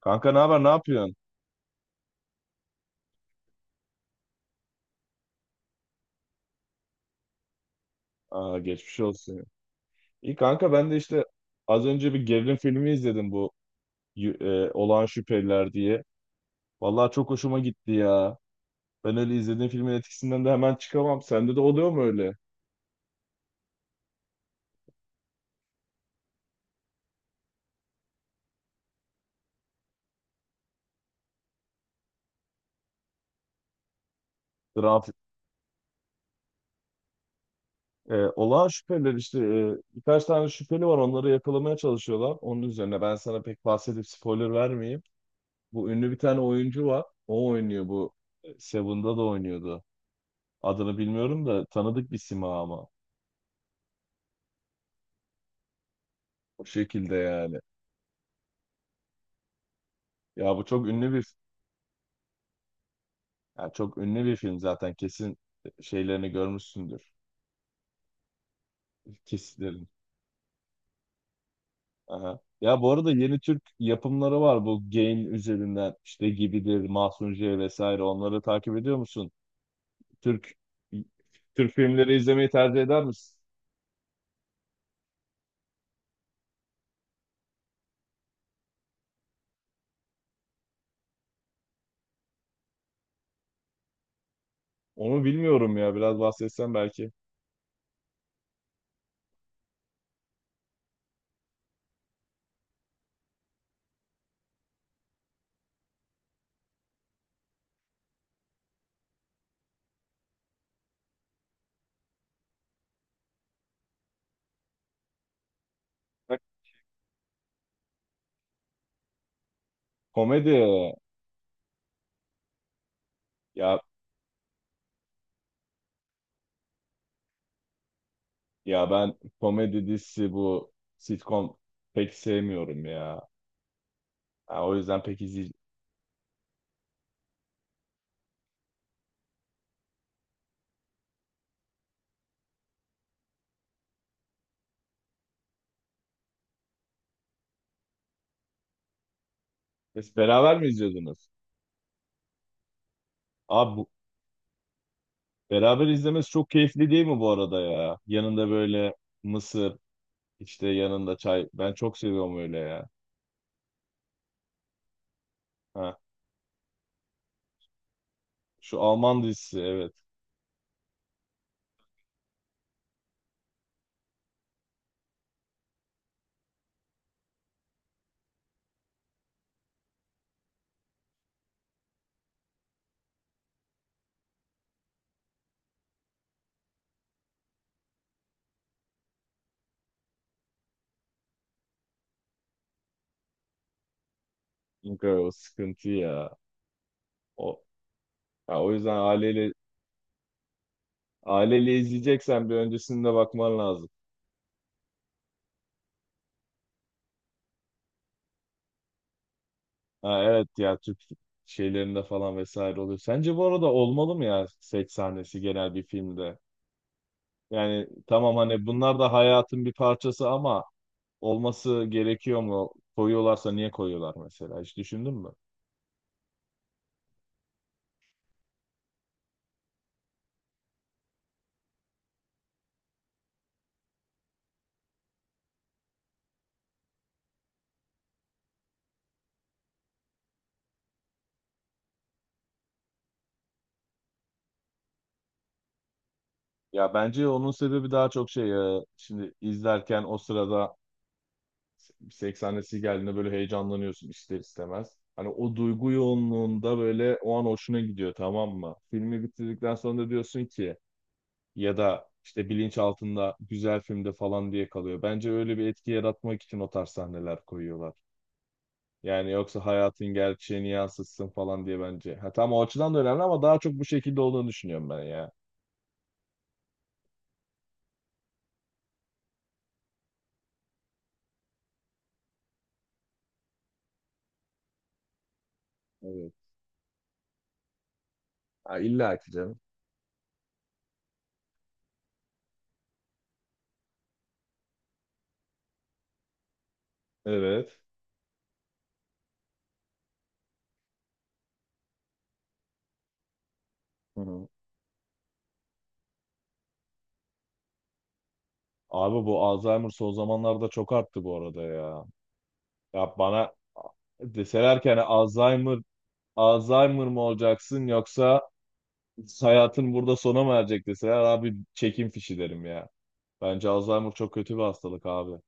Kanka ne haber, ne yapıyorsun? Aa, geçmiş olsun. İyi kanka, ben de işte az önce bir gerilim filmi izledim, bu Olağan Şüpheliler diye. Vallahi çok hoşuma gitti ya. Ben öyle izlediğim filmin etkisinden de hemen çıkamam. Sende de oluyor mu öyle? Dram, Olağan Şüpheliler işte, birkaç tane şüpheli var, onları yakalamaya çalışıyorlar. Onun üzerine ben sana pek bahsedip spoiler vermeyeyim. Bu ünlü bir tane oyuncu var. O oynuyor bu. Seven'da da oynuyordu. Adını bilmiyorum da tanıdık bir sima ama. O şekilde yani. Ya bu çok ünlü bir ya çok ünlü bir film zaten, kesin şeylerini görmüşsündür. Kesitlerini. Aha. Ya, bu arada yeni Türk yapımları var, bu Game üzerinden işte Gibidir, Mahsun J vesaire, onları takip ediyor musun? Türk Türk filmleri izlemeyi tercih eder misin? Onu bilmiyorum ya, biraz bahsetsen belki. Bak, Komedi ya ya ben komedi dizisi, bu sitcom, pek sevmiyorum ya. Ha, o yüzden pek izleyeceğim. Beraber mi izliyordunuz? Abi bu Beraber izlemesi çok keyifli değil mi bu arada ya? Yanında böyle mısır, işte yanında çay. Ben çok seviyorum öyle ya. Ha, şu Alman dizisi, evet. Çünkü o sıkıntı ya. O, ya o yüzden aileyle izleyeceksen bir öncesinde bakman lazım. Ha, evet, ya Türk şeylerinde falan vesaire oluyor. Sence bu arada olmalı mı ya seks sahnesi genel bir filmde? Yani tamam, hani bunlar da hayatın bir parçası ama olması gerekiyor mu? Koyuyorlarsa niye koyuyorlar mesela? Hiç düşündün mü? Ya bence onun sebebi daha çok şey ya. Şimdi izlerken o sırada 80'lisi geldiğinde böyle heyecanlanıyorsun ister istemez. Hani o duygu yoğunluğunda böyle o an hoşuna gidiyor, tamam mı? Filmi bitirdikten sonra da diyorsun ki ya da işte bilinç altında güzel filmde falan diye kalıyor. Bence öyle bir etki yaratmak için o tarz sahneler koyuyorlar. Yani yoksa hayatın gerçeğini yansıtsın falan diye bence. Ha, tam o açıdan da önemli ama daha çok bu şekilde olduğunu düşünüyorum ben ya. Evet. Ha, illa ki canım. Evet. Hı hı. Abi bu Alzheimer son zamanlarda çok arttı bu arada ya. Ya bana deseler ki, hani Alzheimer mı olacaksın yoksa hayatın burada sona mı erecek deseler, abi çekim fişi derim ya. Bence Alzheimer çok kötü bir hastalık abi.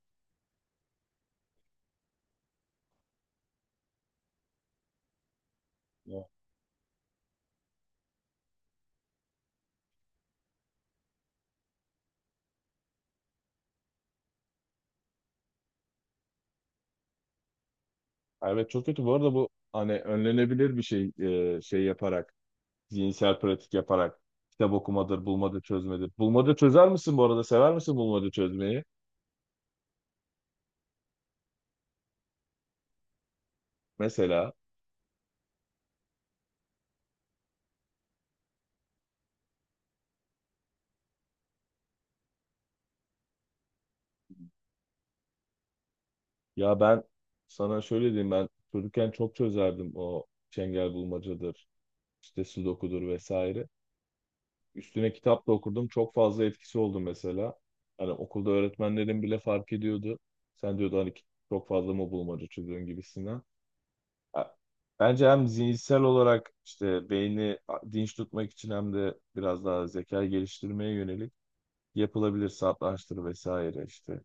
Ya. Evet, çok kötü. Bu arada bu hani önlenebilir bir şey, şey yaparak, zihinsel pratik yaparak. Kitap okumadır, bulmaca çözmedir. Bulmaca çözer misin bu arada? Sever misin bulmaca çözmeyi? Mesela. Ya ben sana şöyle diyeyim, ben çocukken çok çözerdim o çengel bulmacadır, işte sudokudur vesaire. Üstüne kitap da okurdum. Çok fazla etkisi oldu mesela. Hani okulda öğretmenlerin bile fark ediyordu. Sen diyordu hani çok fazla mı bulmaca çözüyorsun gibisinden. Ya, bence hem zihinsel olarak işte beyni dinç tutmak için hem de biraz daha zekayı geliştirmeye yönelik yapılabilir, satrançtır vesaire işte.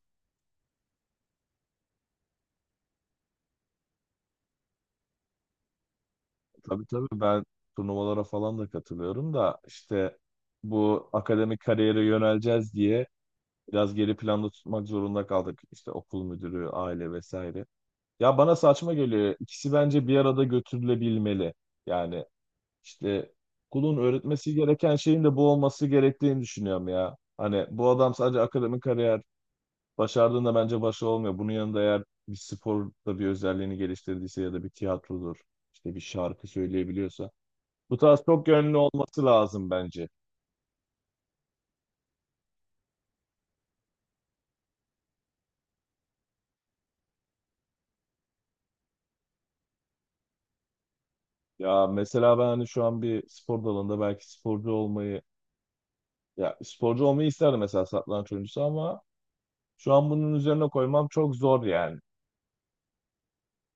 Tabii tabii, ben turnuvalara falan da katılıyorum da işte bu akademik kariyere yöneleceğiz diye biraz geri planda tutmak zorunda kaldık. İşte okul müdürü, aile vesaire. Ya bana saçma geliyor. İkisi bence bir arada götürülebilmeli. Yani işte okulun öğretmesi gereken şeyin de bu olması gerektiğini düşünüyorum ya. Hani bu adam sadece akademik kariyer başardığında bence başı olmuyor. Bunun yanında eğer bir sporda bir özelliğini geliştirdiyse ya da bir tiyatrodur, işte bir şarkı söyleyebiliyorsa bu tarz çok yönlü olması lazım bence. Ya mesela ben hani şu an bir spor dalında belki sporcu olmayı, ya sporcu olmayı isterdim mesela satranç oyuncusu ama şu an bunun üzerine koymam çok zor yani.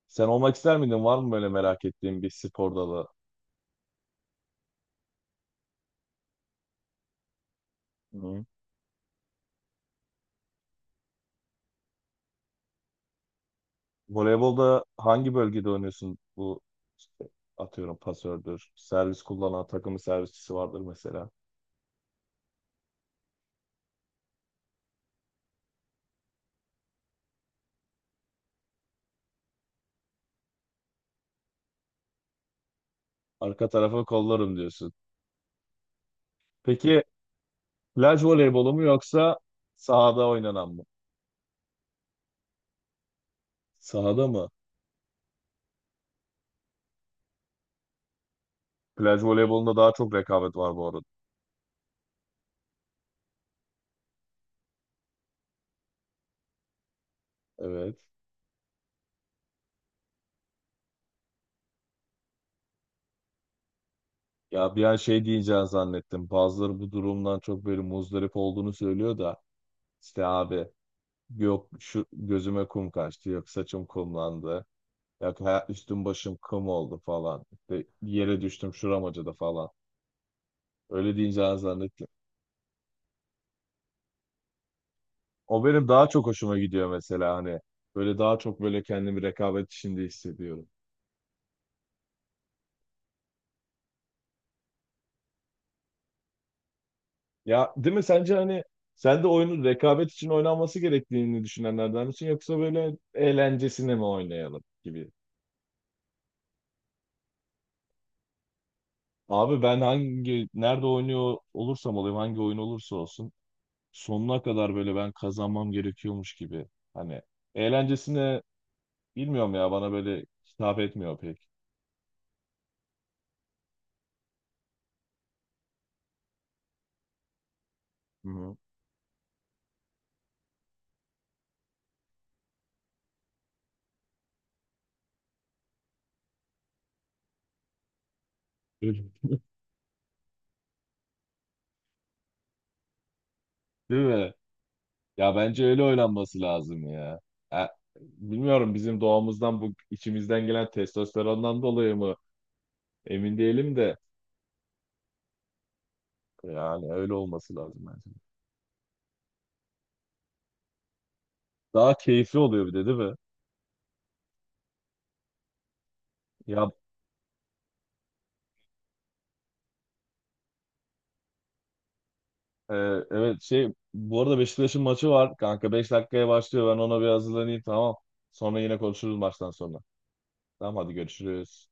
Sen olmak ister miydin? Var mı böyle merak ettiğin bir spor dalı? Hı. Voleybolda hangi bölgede oynuyorsun? Bu işte atıyorum pasördür, servis kullanan takımın servisçisi vardır mesela. Arka tarafa kollarım diyorsun. Peki, plaj voleybolu mu yoksa sahada oynanan mı? Sahada mı? Plaj voleybolunda daha çok rekabet var bu arada. Evet. Ya bir an şey diyeceğini zannettim. Bazıları bu durumdan çok böyle muzdarip olduğunu söylüyor da, işte abi, yok şu gözüme kum kaçtı, yok saçım kumlandı. Yok, üstüm başım kum oldu falan. İşte yere düştüm, şuram acıdı falan. Öyle diyeceğini zannettim. O benim daha çok hoşuma gidiyor mesela hani. Böyle daha çok böyle kendimi rekabet içinde hissediyorum. Ya değil mi sence, hani sen de oyunun rekabet için oynanması gerektiğini düşünenlerden misin yoksa böyle eğlencesine mi oynayalım gibi? Abi ben hangi nerede oynuyor olursam olayım, hangi oyun olursa olsun sonuna kadar böyle ben kazanmam gerekiyormuş gibi. Hani eğlencesine, bilmiyorum ya, bana böyle hitap etmiyor pek. Hı hı. Öyle. Değil mi? Ya bence öyle oynanması lazım ya. E, bilmiyorum, bizim doğamızdan bu içimizden gelen testosterondan dolayı mı emin değilim de, yani öyle olması lazım bence. Daha keyifli oluyor bir de değil mi? Ya, e, evet, bu arada Beşiktaş'ın maçı var kanka, 5 dakikaya başlıyor, ben ona bir hazırlanayım, tamam. Sonra yine konuşuruz maçtan sonra. Tamam, hadi görüşürüz.